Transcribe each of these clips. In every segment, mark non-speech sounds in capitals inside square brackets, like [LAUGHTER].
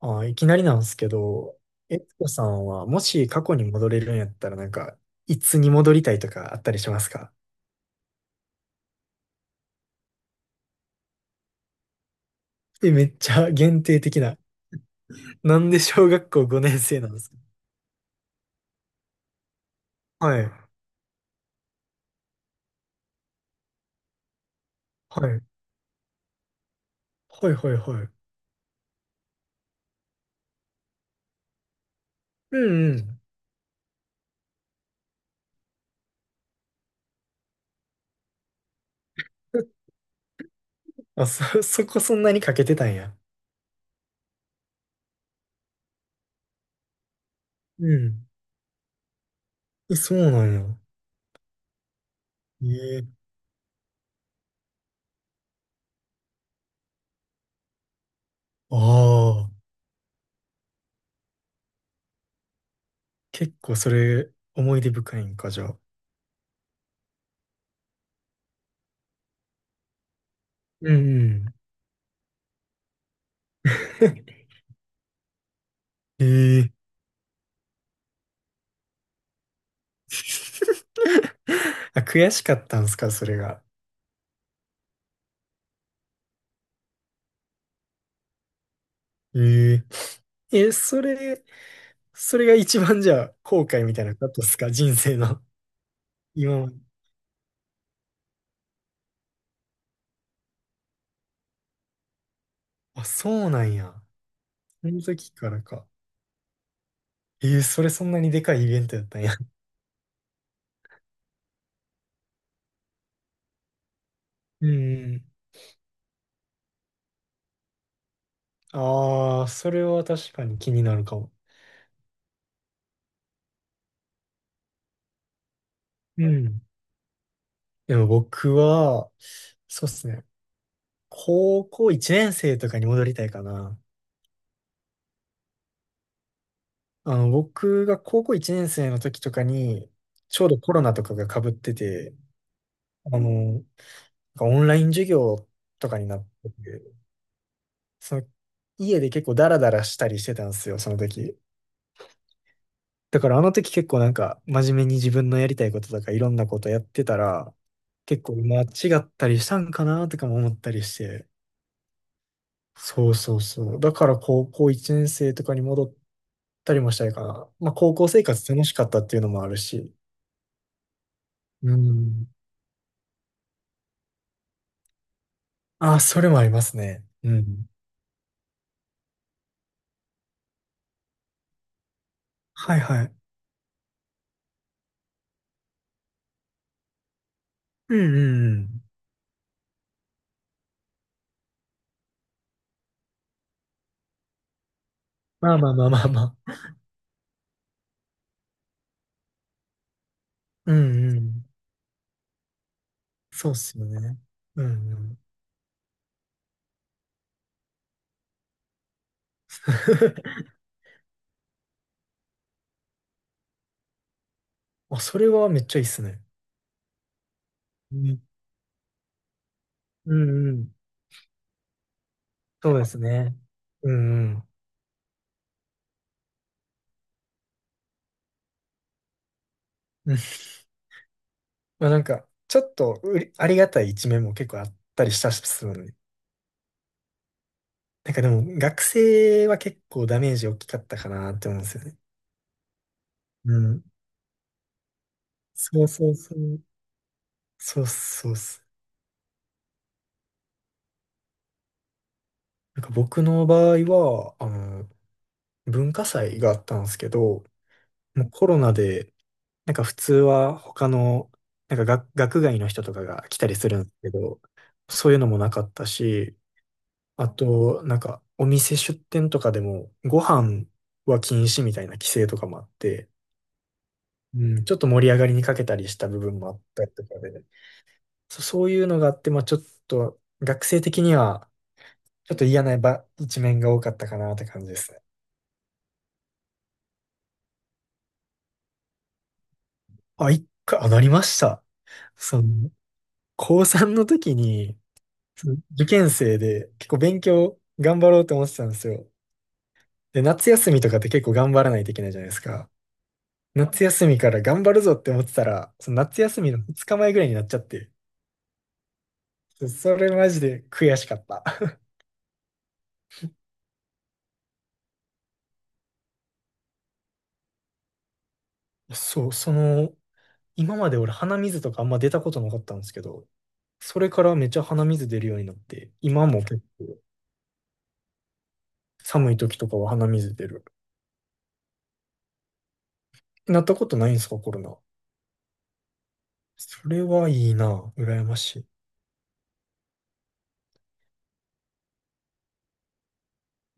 あ、いきなりなんですけど、えつこさんはもし過去に戻れるんやったらいつに戻りたいとかあったりしますか？ [LAUGHS] え、めっちゃ限定的な。[LAUGHS] なんで小学校5年生なんですか？ [LAUGHS] はい。はい。はいはいはい。うんうん。[LAUGHS] [LAUGHS] そこそんなにかけてたんや。うん。え、そうなんや。ええ、ああ、結構それ思い出深いんか、じゃあ。うんうん。[LAUGHS] ええ、あ、悔しかったんすか、それが。ええ、それが一番じゃあ、後悔みたいなことですか人生の。[LAUGHS] 今まで。あ、そうなんや。その時からか。えー、それそんなにでかいイベントやったんや。うん。ああ、それは確かに気になるかも。うん。でも僕は、そうっすね。高校1年生とかに戻りたいかな。僕が高校1年生の時とかに、ちょうどコロナとかが被ってて、あの、なんオンライン授業とかになってて、その、家で結構ダラダラしたりしてたんですよ、その時。だからあの時結構真面目に自分のやりたいこととかいろんなことやってたら、結構間違ったりしたんかなとかも思ったりして。そうそうそう。だから高校1年生とかに戻ったりもしたいかな。まあ高校生活楽しかったっていうのもあるし。うん。あ、それもありますね。うん。はいはい。うんうんうん。まあまあまあまあまあ。うんうん。そうっすよね。うんうん。[LAUGHS] まあ、それはめっちゃいいっすね。うん、うんうん。そうですね。うんうん。[LAUGHS] うん。まあなんか、ちょっとうりありがたい一面も結構あったりしたしするので。なんかでも、学生は結構ダメージ大きかったかなって思うんですよね。うん。そうそうそう。そうそうっす。なんか僕の場合は、文化祭があったんですけど、もうコロナで、なんか普通は他の、なんか学、学外の人とかが来たりするんですけど、そういうのもなかったし、あと、なんか、お店出店とかでも、ご飯は禁止みたいな規制とかもあって、うん、ちょっと盛り上がりにかけたりした部分もあったりとかで、そういうのがあって、まあちょっと、学生的には、ちょっと嫌な一面が多かったかなって感じですね。あ、一回、あ、なりました。その、高3の時に、その受験生で結構勉強頑張ろうと思ってたんですよ。で、夏休みとかって結構頑張らないといけないじゃないですか。夏休みから頑張るぞって思ってたら、その夏休みの2日前ぐらいになっちゃって、それマジで悔しかった。[LAUGHS] そう、その、今まで俺鼻水とかあんま出たことなかったんですけど、それからめっちゃ鼻水出るようになって、今も結構寒い時とかは鼻水出る。なったことないんですか、コロナ。それはいいな、羨ましい。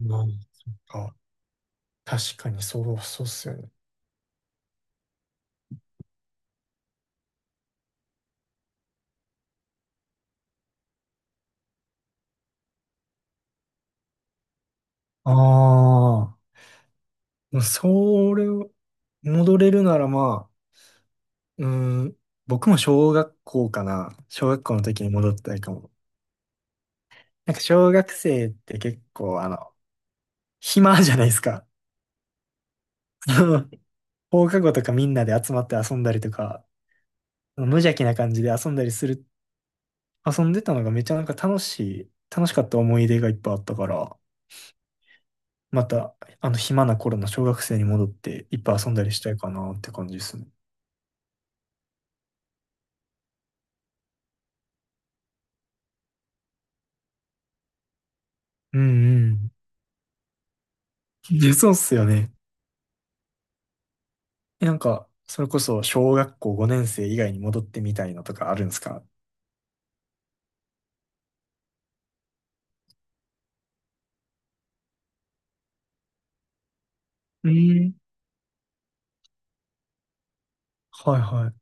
まあ、そっか。確かにそうっすよね。ああ、まあそれを戻れるならまあ、うーん、僕も小学校かな。小学校の時に戻ったりかも。なんか小学生って結構あの、暇じゃないですか。[LAUGHS] 放課後とかみんなで集まって遊んだりとか、無邪気な感じで遊んだりする、遊んでたのがめっちゃなんか楽しい、楽しかった思い出がいっぱいあったから、またあの暇な頃の小学生に戻っていっぱい遊んだりしたいかなって感じですね。うんうん。いや、そうっすよね。え、なんか、それこそ小学校5年生以外に戻ってみたいのとかあるんですか？えん、はいは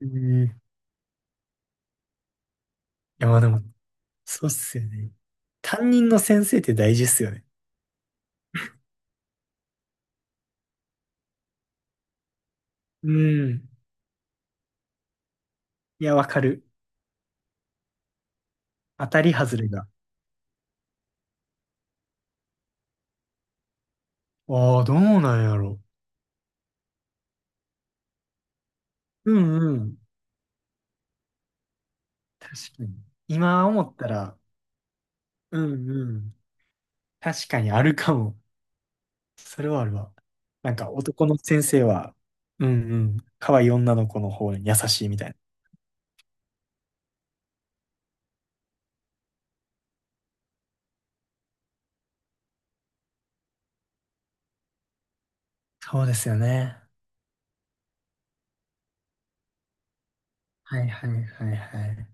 い。えん、いや、まあでも、そうっすよね。担任の先生って大事っすよね。うん。いや、わかる。当たり外れが。ああ、どうなんやろ。うんうん。確かに。今思ったら、うんうん。確かにあるかも。それはあるわ。なんか男の先生は、うんうん。可愛い女の子の方に優しいみたいな。そうですよね。はいはいはいはい。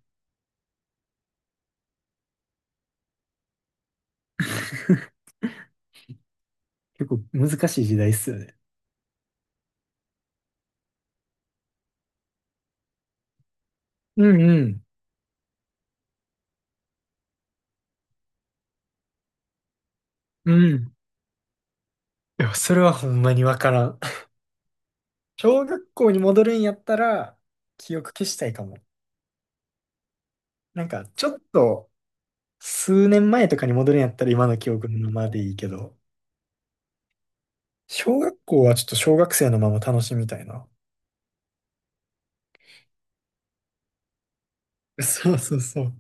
[LAUGHS] 結構難しい時代っすよね。うんうん。うん。いや、それはほんまにわからん。[LAUGHS] 小学校に戻るんやったら、記憶消したいかも。なんか、ちょっと、数年前とかに戻るんやったら今の記憶のままでいいけど、小学校はちょっと小学生のまま楽しみたいな。そうそうそう。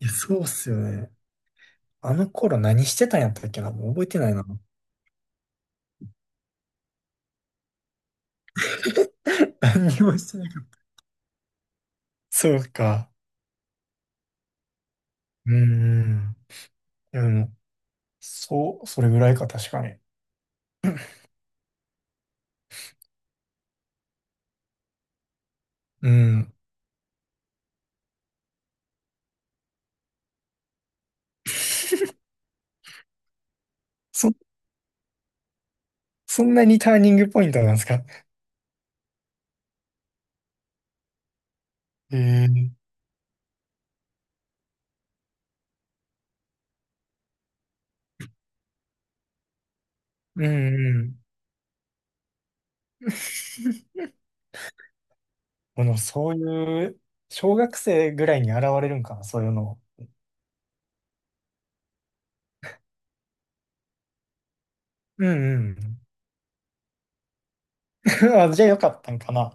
いや、そうっすよね。あの頃何してたんやったっけな、もう覚えてないな。[LAUGHS] 何にもしてなかった。そうか。うんうん。でも、そう、それぐらいか、確かに。うん。[LAUGHS] そんそんなにターニングポイントなんですか？ええ、うんうん。このそういう、小学生ぐらいに現れるんかな、そういうの。うんうん。[LAUGHS] あ、じゃあよかったんかな。